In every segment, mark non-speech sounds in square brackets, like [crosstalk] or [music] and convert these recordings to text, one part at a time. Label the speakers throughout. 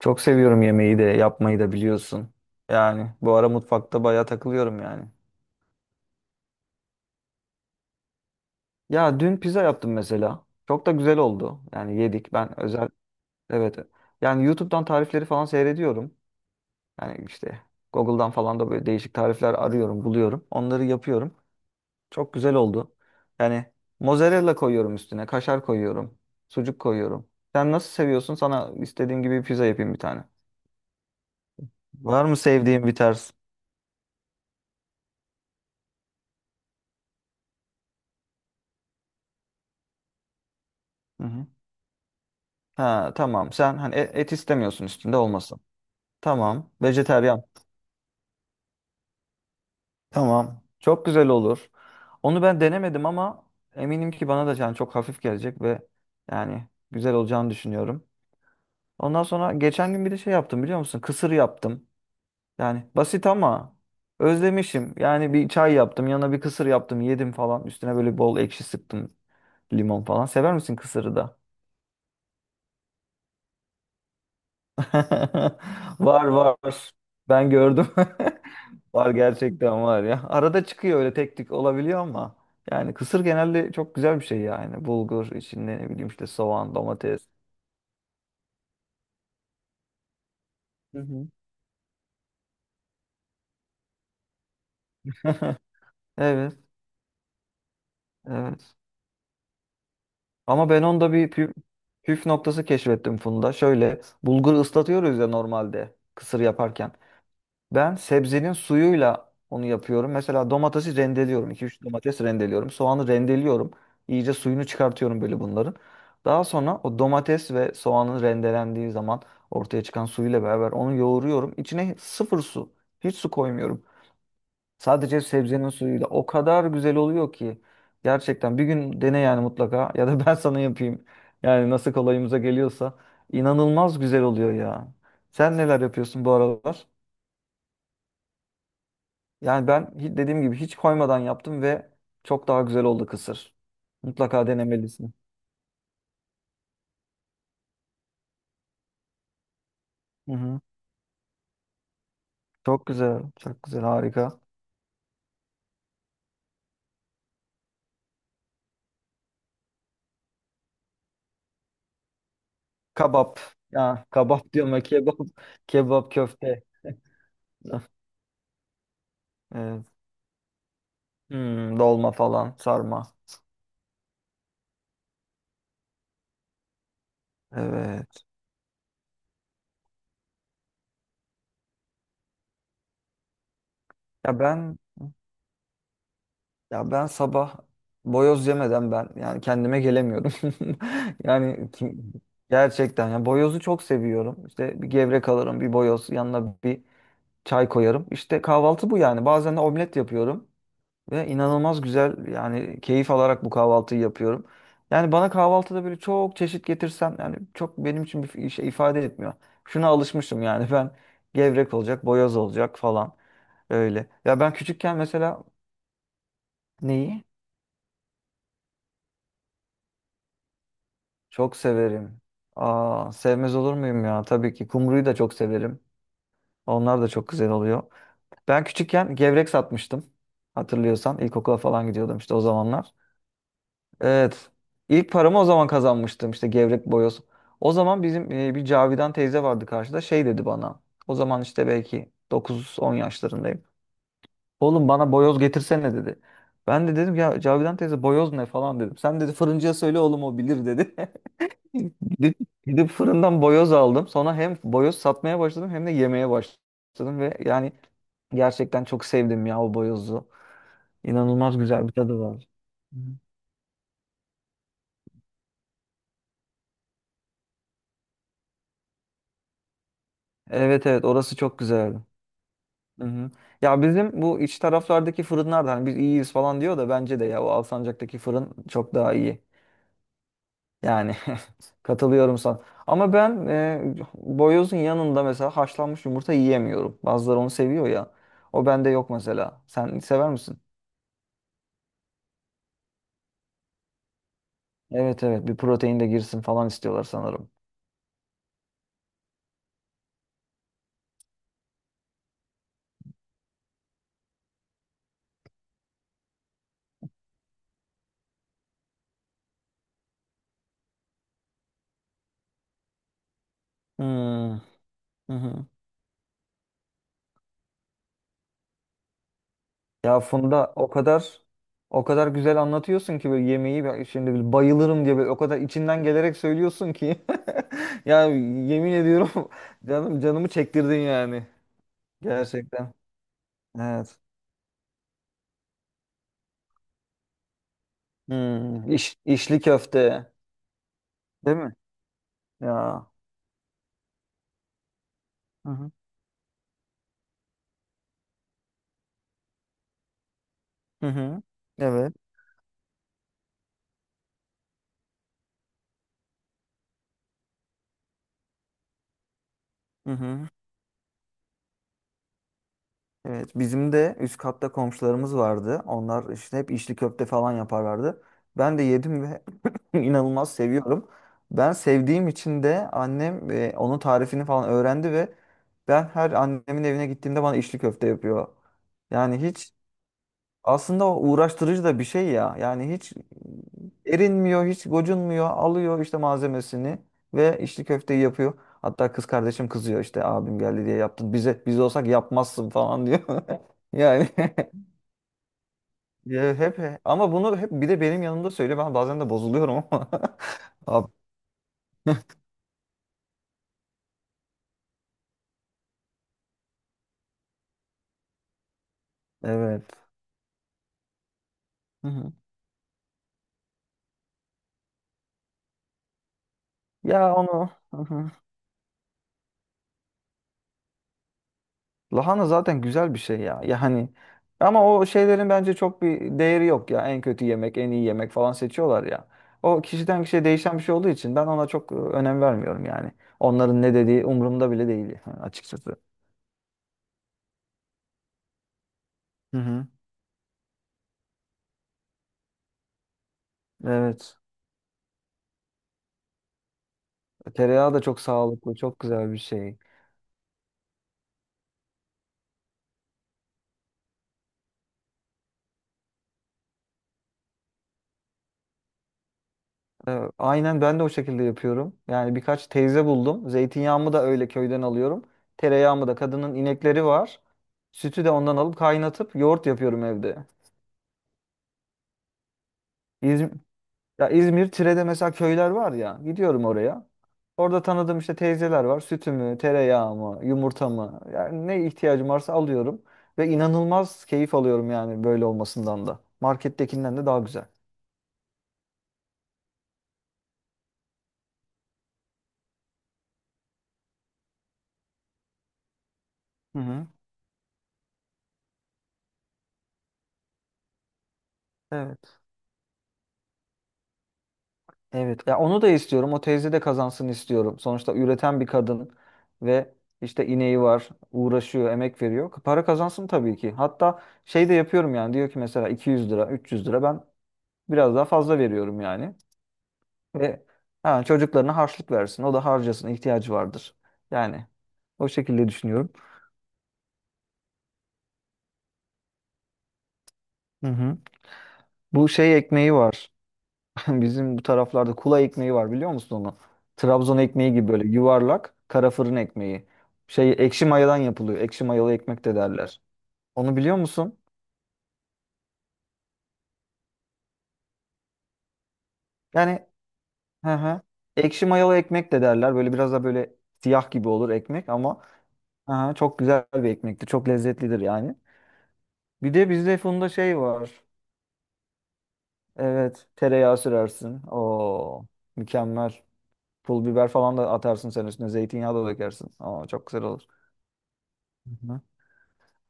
Speaker 1: Çok seviyorum yemeği de yapmayı da biliyorsun. Yani bu ara mutfakta bayağı takılıyorum yani. Ya dün pizza yaptım mesela. Çok da güzel oldu. Yani yedik. Ben özel evet. Yani YouTube'dan tarifleri falan seyrediyorum. Yani işte Google'dan falan da böyle değişik tarifler arıyorum, buluyorum. Onları yapıyorum. Çok güzel oldu. Yani mozzarella koyuyorum üstüne, kaşar koyuyorum, sucuk koyuyorum. Sen nasıl seviyorsun? Sana istediğim gibi pizza yapayım bir tane. Var mı sevdiğin bir tarz? Hı hı. Ha, tamam. Sen hani et istemiyorsun, üstünde olmasın. Tamam. Vejeteryan. Tamam. Çok güzel olur. Onu ben denemedim ama eminim ki bana da yani çok hafif gelecek ve yani güzel olacağını düşünüyorum. Ondan sonra geçen gün bir de şey yaptım, biliyor musun? Kısır yaptım. Yani basit ama özlemişim. Yani bir çay yaptım, yanına bir kısır yaptım, yedim falan. Üstüne böyle bol ekşi sıktım, limon falan. Sever misin kısırı da? [laughs] Var, var. Ben gördüm. [laughs] Var, gerçekten var ya. Arada çıkıyor, öyle tek tük olabiliyor ama yani kısır genelde çok güzel bir şey yani. Bulgur içinde ne bileyim işte soğan, domates. Hı hı. Evet, evet. Ama ben onda bir püf noktası keşfettim Funda. Şöyle bulgur ıslatıyoruz ya normalde kısır yaparken. Ben sebzenin suyuyla onu yapıyorum. Mesela domatesi rendeliyorum. 2 3 domates rendeliyorum. Soğanı rendeliyorum. İyice suyunu çıkartıyorum böyle bunların. Daha sonra o domates ve soğanın rendelendiği zaman ortaya çıkan suyuyla beraber onu yoğuruyorum. İçine sıfır su. Hiç su koymuyorum. Sadece sebzenin suyuyla. O kadar güzel oluyor ki. Gerçekten bir gün dene yani mutlaka. [laughs] Ya da ben sana yapayım. Yani nasıl kolayımıza geliyorsa. İnanılmaz güzel oluyor ya. Sen neler yapıyorsun bu aralar? Yani ben dediğim gibi hiç koymadan yaptım ve çok daha güzel oldu kısır. Mutlaka denemelisin. Hı hı. Çok güzel, çok güzel, harika. Kabap. Ya kabap [laughs] diyorum ya kebap, [laughs] kebap köfte. [laughs] Evet. Hmm, dolma falan, sarma. Evet. Ya ben ya ben sabah boyoz yemeden ben yani kendime gelemiyorum. [laughs] Yani gerçekten ya boyozu çok seviyorum. İşte bir gevrek alırım, bir boyoz, yanına bir çay koyarım. İşte kahvaltı bu yani. Bazen de omlet yapıyorum ve inanılmaz güzel yani keyif alarak bu kahvaltıyı yapıyorum. Yani bana kahvaltıda böyle çok çeşit getirsem yani çok benim için bir şey ifade etmiyor. Şuna alışmışım yani. [laughs] Ben gevrek olacak, boyoz olacak falan öyle. Ya ben küçükken mesela neyi? Çok severim. Aa, sevmez olur muyum ya? Tabii ki kumruyu da çok severim. Onlar da çok güzel oluyor. Ben küçükken gevrek satmıştım. Hatırlıyorsan ilkokula falan gidiyordum işte o zamanlar. Evet. İlk paramı o zaman kazanmıştım, işte gevrek, boyoz. O zaman bizim bir Cavidan teyze vardı karşıda, şey dedi bana. O zaman işte belki 9 10 yaşlarındayım. Oğlum bana boyoz getirsene, dedi. Ben de dedim, ya Cavidan teyze boyoz ne falan dedim. Sen dedi fırıncıya söyle oğlum, o bilir dedi. [laughs] Gidip, gidip fırından boyoz aldım. Sonra hem boyoz satmaya başladım hem de yemeye başladım. Ve yani gerçekten çok sevdim ya o boyozu. İnanılmaz güzel bir tadı var. Hı. Evet, evet, orası çok güzeldi. Hı hı. Ya bizim bu iç taraflardaki fırınlar da hani biz iyiyiz falan diyor da bence de ya o Alsancak'taki fırın çok daha iyi. Yani [laughs] katılıyorum sana. Ama ben boyozun yanında mesela haşlanmış yumurta yiyemiyorum. Bazıları onu seviyor ya. O bende yok mesela. Sen sever misin? Evet, evet, bir protein de girsin falan istiyorlar sanırım. Hmm. Hı hı. Ya Funda, o kadar güzel anlatıyorsun ki, böyle yemeği ben şimdi böyle bayılırım diye böyle o kadar içinden gelerek söylüyorsun ki. [laughs] Ya yemin ediyorum, [laughs] canım, canımı çektirdin yani. Gerçekten. Evet. Hmm, işli köfte. Değil mi? Ya. Hı hı. Hı hı. Evet. Hı hı. Evet, bizim de üst katta komşularımız vardı. Onlar işte hep içli köfte falan yaparlardı. Ben de yedim ve [clears throat] [laughs] inanılmaz seviyorum. Ben sevdiğim için de annem onun tarifini falan öğrendi ve ben her annemin evine gittiğimde bana içli köfte yapıyor. Yani hiç, aslında o uğraştırıcı da bir şey ya. Yani hiç erinmiyor, hiç gocunmuyor. Alıyor işte malzemesini ve işte köfteyi yapıyor. Hatta kız kardeşim kızıyor, işte abim geldi diye yaptın. Bize, biz olsak yapmazsın falan diyor. [laughs] Yani, [laughs] ya hep, ama bunu hep bir de benim yanımda söyle. Ben bazen de bozuluyorum ama. [laughs] Ab- evet. Hı hı. Ya onu. Hı hı. Lahana zaten güzel bir şey ya. Ya hani ama o şeylerin bence çok bir değeri yok ya. En kötü yemek, en iyi yemek falan seçiyorlar ya. O kişiden kişiye değişen bir şey olduğu için ben ona çok önem vermiyorum yani. Onların ne dediği umurumda bile değil [laughs] açıkçası. Hı hı. Evet. Tereyağı da çok sağlıklı, çok güzel bir şey. Aynen ben de o şekilde yapıyorum. Yani birkaç teyze buldum. Zeytinyağımı da öyle köyden alıyorum. Tereyağımı da, kadının inekleri var. Sütü de ondan alıp kaynatıp yoğurt yapıyorum evde. İzmir, Ya İzmir Tire'de mesela köyler var ya. Gidiyorum oraya. Orada tanıdığım işte teyzeler var. Sütümü, tereyağımı, yumurtamı. Yani ne ihtiyacım varsa alıyorum. Ve inanılmaz keyif alıyorum yani böyle olmasından da. Markettekinden de daha güzel. Hı hı. Evet. Evet. Ya onu da istiyorum. O teyze de kazansın istiyorum. Sonuçta üreten bir kadın ve işte ineği var, uğraşıyor, emek veriyor. Para kazansın tabii ki. Hatta şey de yapıyorum yani. Diyor ki mesela 200 lira, 300 lira, ben biraz daha fazla veriyorum yani. Ve ha, çocuklarına harçlık versin. O da harcasın, ihtiyacı vardır. Yani o şekilde düşünüyorum. Hı hı. Bu şey ekmeği var. [laughs] Bizim bu taraflarda kula ekmeği var, biliyor musun onu? Trabzon ekmeği gibi böyle yuvarlak kara fırın ekmeği. Şey, ekşi mayadan yapılıyor. Ekşi mayalı ekmek de derler. Onu biliyor musun? Yani, hı hı. Ekşi mayalı ekmek de derler. Böyle biraz da böyle siyah gibi olur ekmek ama, hı hı, çok güzel bir ekmektir. Çok lezzetlidir yani. Bir de bizde Funda şey var. Evet, tereyağı sürersin. Oo, mükemmel. Pul biber falan da atarsın sen üstüne. Zeytinyağı da dökersin. Aa, çok güzel olur. Hı hı.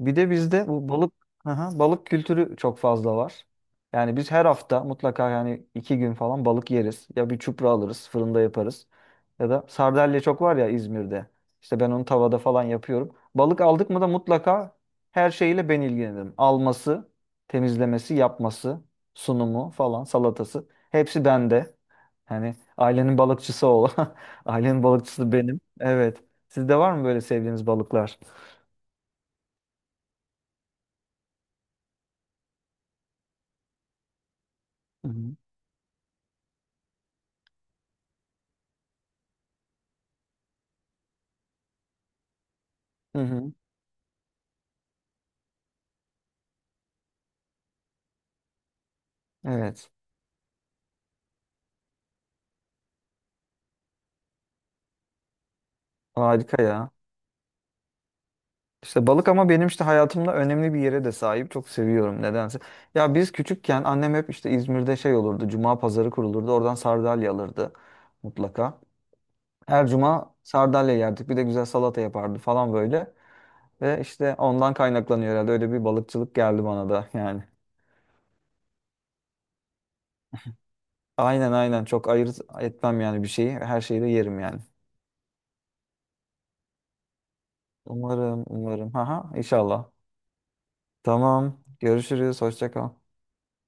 Speaker 1: Bir de bizde bu balık, aha, balık kültürü çok fazla var. Yani biz her hafta mutlaka yani iki gün falan balık yeriz. Ya bir çupra alırız, fırında yaparız. Ya da sardalya çok var ya İzmir'de. İşte ben onu tavada falan yapıyorum. Balık aldık mı da mutlaka her şeyiyle ben ilgilenirim. Alması, temizlemesi, yapması, sunumu falan, salatası. Hepsi bende. Hani ailenin balıkçısı ol. [laughs] Ailenin balıkçısı benim. Evet. Sizde var mı böyle sevdiğiniz balıklar? Hı hı. Hı hı. Evet. Harika ya. İşte balık ama benim işte hayatımda önemli bir yere de sahip. Çok seviyorum nedense. Ya biz küçükken annem hep işte İzmir'de şey olurdu. Cuma pazarı kurulurdu. Oradan sardalya alırdı mutlaka. Her cuma sardalya yerdik. Bir de güzel salata yapardı falan böyle. Ve işte ondan kaynaklanıyor herhalde. Öyle bir balıkçılık geldi bana da yani. Aynen, aynen, çok ayırt etmem yani bir şeyi. Her şeyi de yerim yani. Umarım, umarım. Haha, inşallah. Tamam. Görüşürüz. Hoşça kal.